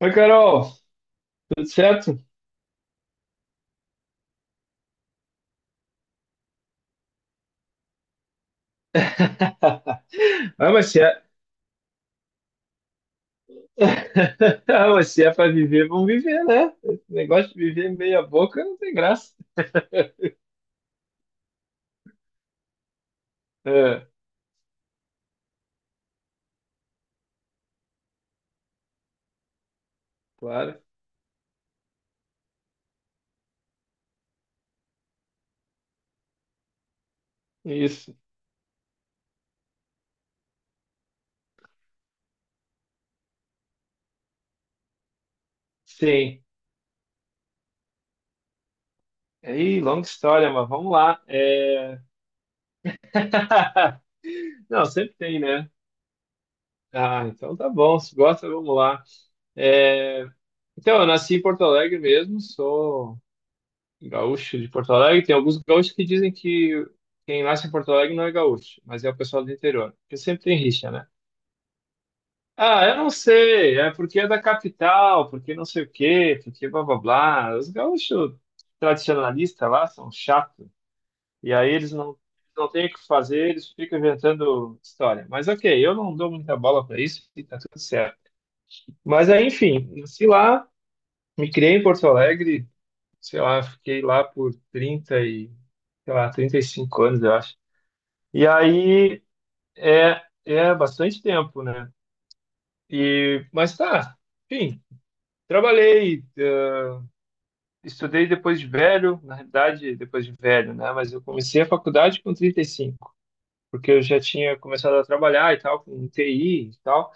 Oi, Carol, tudo certo? Ah, mas se é, Ah, mas se é para viver, vamos viver, né? Esse negócio de viver meia boca não tem graça. É, claro, isso. Sim. Aí, longa história, mas vamos lá. Não, sempre tem, né? Ah, então tá bom, se gosta, vamos lá. É, então, eu nasci em Porto Alegre mesmo, sou gaúcho de Porto Alegre. Tem alguns gaúchos que dizem que quem nasce em Porto Alegre não é gaúcho, mas é o pessoal do interior, porque sempre tem rixa, né? Ah, eu não sei, é porque é da capital, porque não sei o quê, porque blá blá blá. Os gaúchos tradicionalistas lá são chatos, e aí eles não têm o que fazer, eles ficam inventando história. Mas ok, eu não dou muita bola para isso e tá tudo certo. Mas aí, enfim, nasci lá, me criei em Porto Alegre, sei lá, fiquei lá por sei lá, 35 anos, eu acho. E aí é bastante tempo, né? E, mas tá, enfim, trabalhei, estudei depois de velho, na realidade, depois de velho, né? Mas eu comecei a faculdade com 35 porque eu já tinha começado a trabalhar e tal, com TI e tal,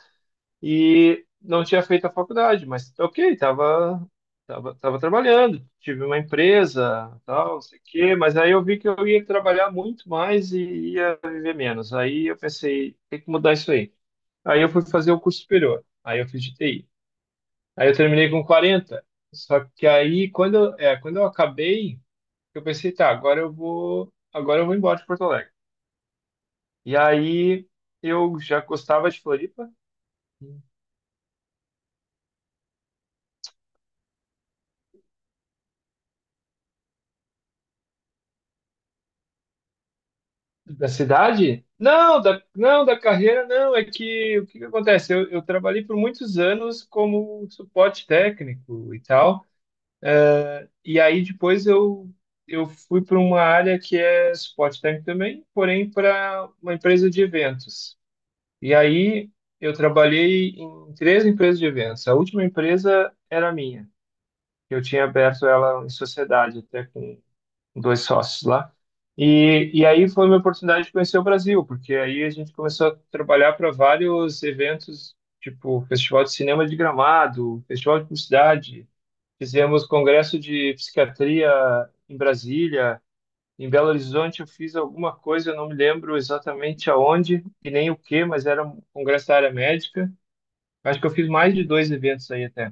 e não tinha feito a faculdade, mas ok, tava trabalhando, tive uma empresa, tal, não sei o quê, mas aí eu vi que eu ia trabalhar muito mais e ia viver menos. Aí eu pensei, tem que mudar isso aí. Aí eu fui fazer o curso superior, aí eu fiz de TI. Aí eu terminei com 40, só que aí quando eu acabei, eu pensei, tá, agora eu vou embora de Porto Alegre. E aí eu já gostava de Floripa. Da cidade? Não, da, não, da carreira não. É que o que que acontece? Eu trabalhei por muitos anos como suporte técnico e tal. E aí depois eu fui para uma área que é suporte técnico também, porém para uma empresa de eventos. E aí eu trabalhei em três empresas de eventos. A última empresa era minha. Eu tinha aberto ela em sociedade, até com dois sócios lá. E aí foi uma oportunidade de conhecer o Brasil, porque aí a gente começou a trabalhar para vários eventos, tipo Festival de Cinema de Gramado, Festival de Publicidade. Fizemos congresso de psiquiatria em Brasília, em Belo Horizonte eu fiz alguma coisa, eu não me lembro exatamente aonde e nem o que, mas era um congresso da área médica. Acho que eu fiz mais de dois eventos aí até.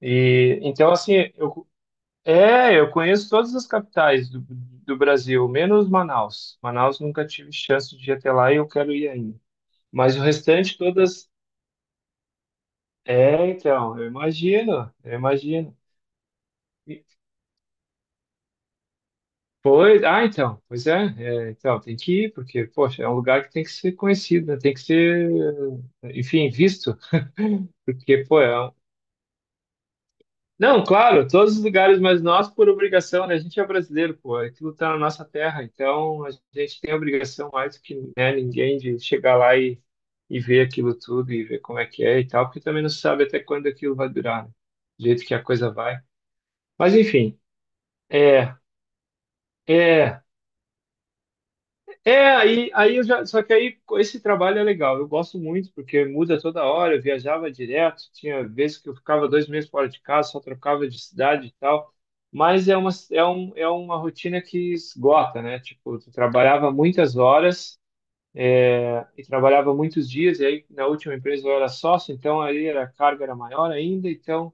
E então assim, eu conheço todas as capitais do Brasil, menos Manaus. Manaus nunca tive chance de ir até lá e eu quero ir ainda. Mas o restante todas. É, então, eu imagino, eu imagino. E- Pois, ah, então, pois é, então, tem que ir, porque, poxa, é um lugar que tem que ser conhecido, né? Tem que ser, enfim, visto. Porque, pô, é um. Não, claro, todos os lugares, mas nós por obrigação, né? A gente é brasileiro, pô, aquilo tá na nossa terra, então a gente tem a obrigação mais do que, né, ninguém de chegar lá e ver aquilo tudo e ver como é que é e tal, porque também não se sabe até quando aquilo vai durar, né? Do jeito que a coisa vai. Mas enfim, é, é, aí eu já, só que aí esse trabalho é legal, eu gosto muito, porque muda toda hora, eu viajava direto, tinha vezes que eu ficava 2 meses fora de casa, só trocava de cidade e tal, mas é uma rotina que esgota, né? Tipo, tu trabalhava muitas horas e trabalhava muitos dias, e aí na última empresa eu era sócio, então aí era, a carga era maior ainda, então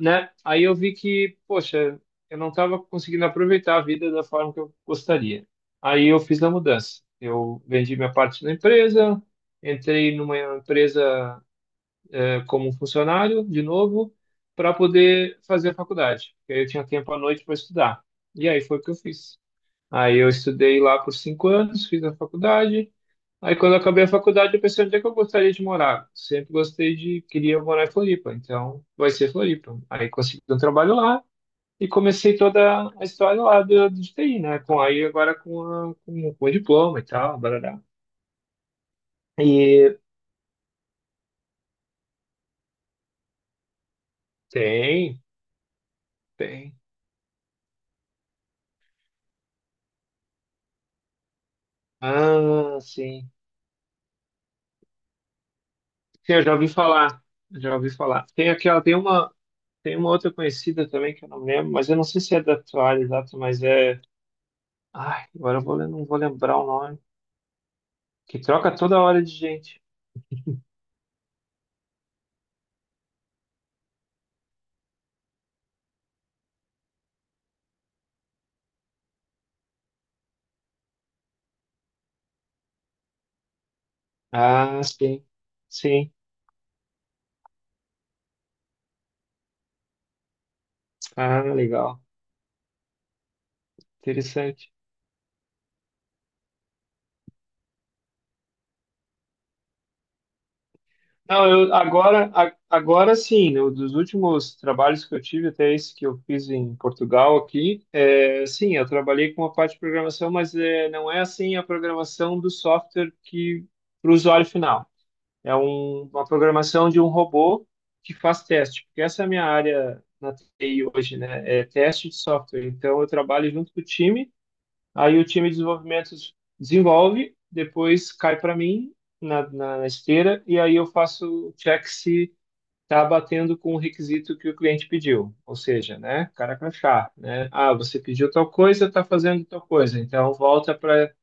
né? Aí eu vi que, poxa, eu não estava conseguindo aproveitar a vida da forma que eu gostaria. Aí eu fiz a mudança. Eu vendi minha parte da empresa, entrei numa empresa como funcionário de novo para poder fazer a faculdade, porque aí eu tinha tempo à noite para estudar. E aí foi o que eu fiz. Aí eu estudei lá por 5 anos, fiz a faculdade. Aí quando eu acabei a faculdade, eu pensei onde é que eu gostaria de morar. Sempre gostei de, queria morar em Floripa, então vai ser Floripa. Aí consegui um trabalho lá e comecei toda a história lá de TI, né? Com aí agora com o diploma e tal, barará. E tem, tem. Ah, sim. Sim, eu já ouvi falar. Tem uma outra conhecida também que eu não lembro, mas eu não sei se é da tua área exata, mas é. Ai, agora eu vou, lem- não vou lembrar o nome. Que troca toda hora de gente. Ah, sim. Sim. Ah, legal. Interessante. Não, eu agora, agora sim, dos últimos trabalhos que eu tive, até esse que eu fiz em Portugal aqui, é, sim, eu trabalhei com a parte de programação, mas é, não é assim a programação do software que para o usuário final. É uma programação de um robô que faz teste, porque essa é a minha área na TI hoje, né? É teste de software. Então, eu trabalho junto com o time. Aí o time de desenvolvimento desenvolve, depois cai para mim na esteira, e aí eu faço o check se está batendo com o requisito que o cliente pediu. Ou seja, né, cara crachá, né? Ah, você pediu tal coisa, está fazendo tal coisa, então volta para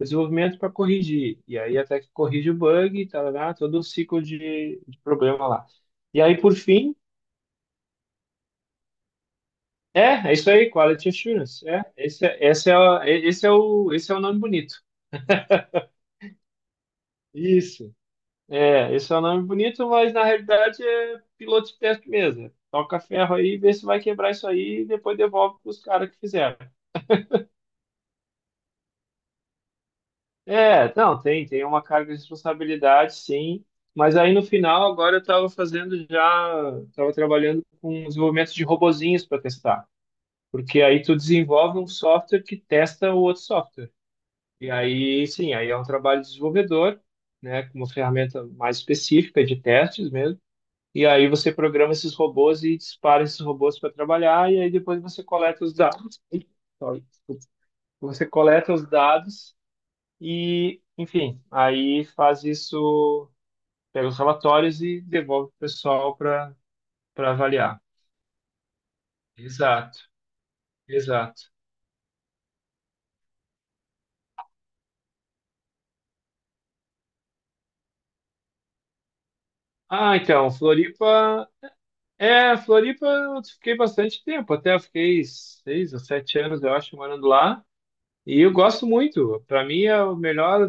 desenvolvimento para corrigir. E aí até que corrige o bug, tá, lá, todo o ciclo de problema lá. E aí, por fim, é isso aí, Quality Assurance. Esse é o nome bonito. Isso. É, esse é um nome bonito, mas na realidade é piloto de teste mesmo. Toca ferro aí, vê se vai quebrar isso aí e depois devolve para os caras que fizeram. É, não, tem uma carga de responsabilidade, sim. Mas aí no final, agora eu estava fazendo já, estava trabalhando com um desenvolvimento de robozinhos para testar. Porque aí tu desenvolve um software que testa o outro software. E aí, sim, aí é um trabalho de desenvolvedor, né, com uma ferramenta mais específica de testes mesmo. E aí você programa esses robôs e dispara esses robôs para trabalhar, e aí depois você coleta os dados. Ih, sorry, desculpa. Você coleta os dados e, enfim, aí faz isso, pega os relatórios e devolve para o pessoal para avaliar. Exato, exato. Ah, então, Floripa. É, Floripa eu fiquei bastante tempo, até eu fiquei 6 ou 7 anos, eu acho, morando lá. E eu gosto muito. Para mim é a melhor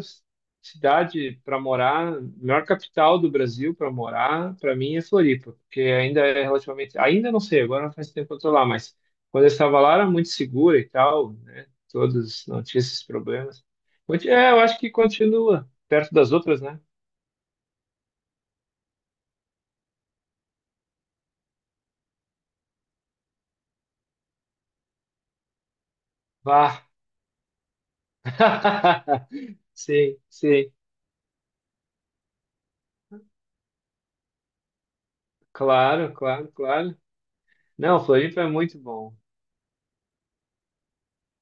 cidade para morar, melhor capital do Brasil para morar. Para mim é Floripa, porque ainda é relativamente, ainda não sei, agora não faz tempo que eu tô lá, mas quando eu estava lá era muito segura e tal, né? Todos não tinham esses problemas. É, eu acho que continua perto das outras, né? Vá. Sim, sim. Claro, claro, claro. Não, Floripa é muito bom.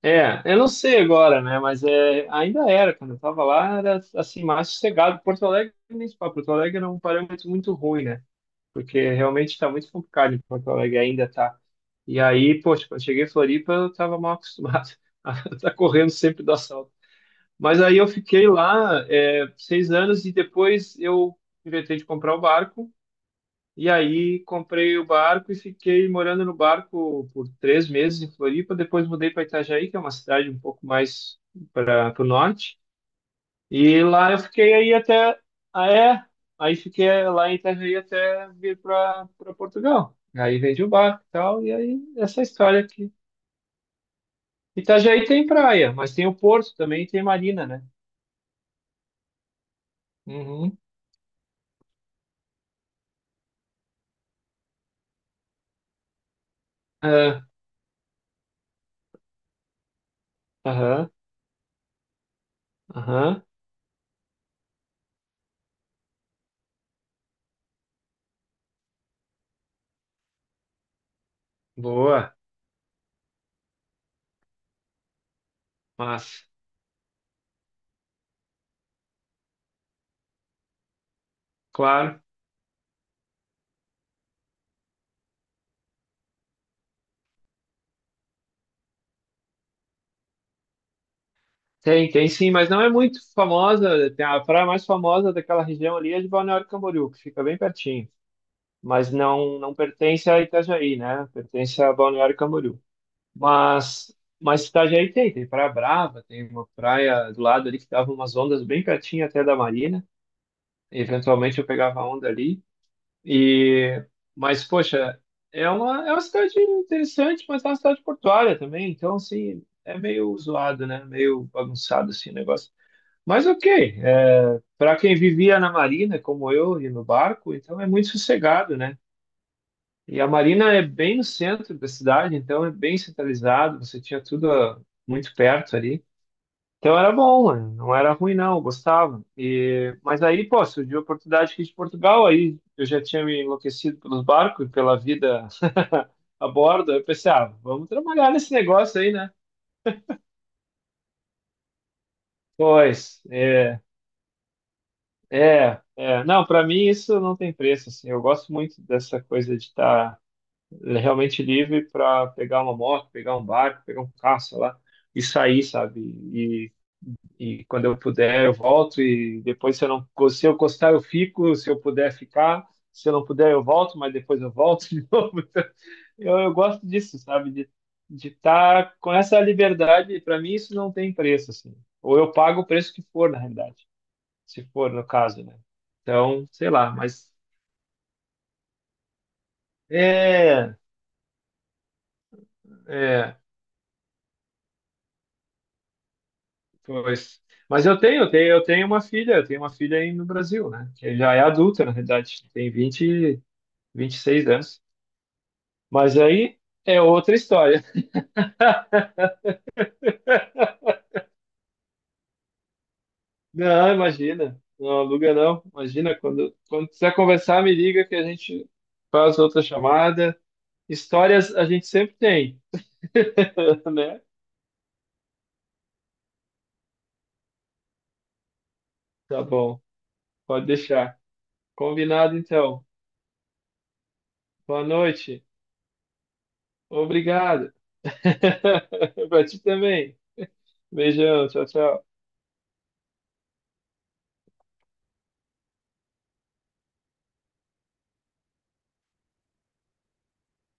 É, eu não sei agora, né? Mas é, ainda era, quando eu tava lá, era assim, mais sossegado. Porto Alegre, nem se fala, Porto Alegre era um parâmetro muito ruim, né? Porque realmente está muito complicado em Porto Alegre, ainda tá. E aí, poxa, quando eu cheguei em Floripa, eu tava mal acostumado a estar correndo sempre do assalto. Mas aí eu fiquei lá, é, 6 anos e depois eu inventei de comprar o barco. E aí comprei o barco e fiquei morando no barco por 3 meses em Floripa. Depois mudei para Itajaí, que é uma cidade um pouco mais para o norte. E lá eu fiquei aí até. Ah, é? Aí fiquei lá em Itajaí até vir para Portugal. Aí vendi o barco e tal. E aí essa história aqui. Itajaí tem praia, mas tem o porto também e tem marina, né? Uhum. Ah, aham, aham. Boa. Mas, claro. Tem sim, mas não é muito famosa. Tem a praia mais famosa daquela região ali é de Balneário Camboriú, que fica bem pertinho. Mas não, não pertence a Itajaí, né? Pertence a Balneário Camboriú. Mas, mas Itajaí tem Praia Brava, tem uma praia do lado ali que dava umas ondas bem pertinho até da marina. Eventualmente eu pegava onda ali. E, mas, poxa, é uma cidade interessante, mas é uma cidade portuária também. Então, assim, é meio zoado, né? Meio bagunçado assim, o negócio. Mas ok, é, para quem vivia na marina, como eu, e no barco, então é muito sossegado, né? E a marina é bem no centro da cidade, então é bem centralizado, você tinha tudo muito perto ali. Então era bom, mano, não era ruim não, eu gostava. Mas aí, pô, surgiu a oportunidade aqui de Portugal, aí eu já tinha me enlouquecido pelos barcos, e pela vida a bordo, aí eu pensei, ah, vamos trabalhar nesse negócio aí, né? Pois, é. Não, para mim isso não tem preço, assim, eu gosto muito dessa coisa de estar realmente livre para pegar uma moto, pegar um barco, pegar um carro, sei lá, e sair, sabe, e, e quando eu puder eu volto e depois se eu não, se eu gostar eu fico, se eu puder ficar, se eu não puder eu volto, mas depois eu volto de novo. Então, eu gosto disso, sabe, de estar com essa liberdade, para mim isso não tem preço, assim, ou eu pago o preço que for, na realidade se for no caso, né? Então, sei lá, mas é, é, pois. Mas eu tenho uma filha aí no Brasil, né? Que já é adulta, na realidade, tem 26 anos. Mas aí é outra história. Não, imagina, não aluga não. Imagina, quando quiser conversar, me liga que a gente faz outra chamada. Histórias a gente sempre tem, né? Tá bom, pode deixar. Combinado então. Boa noite. Obrigado. Pra ti também. Beijão, tchau, tchau.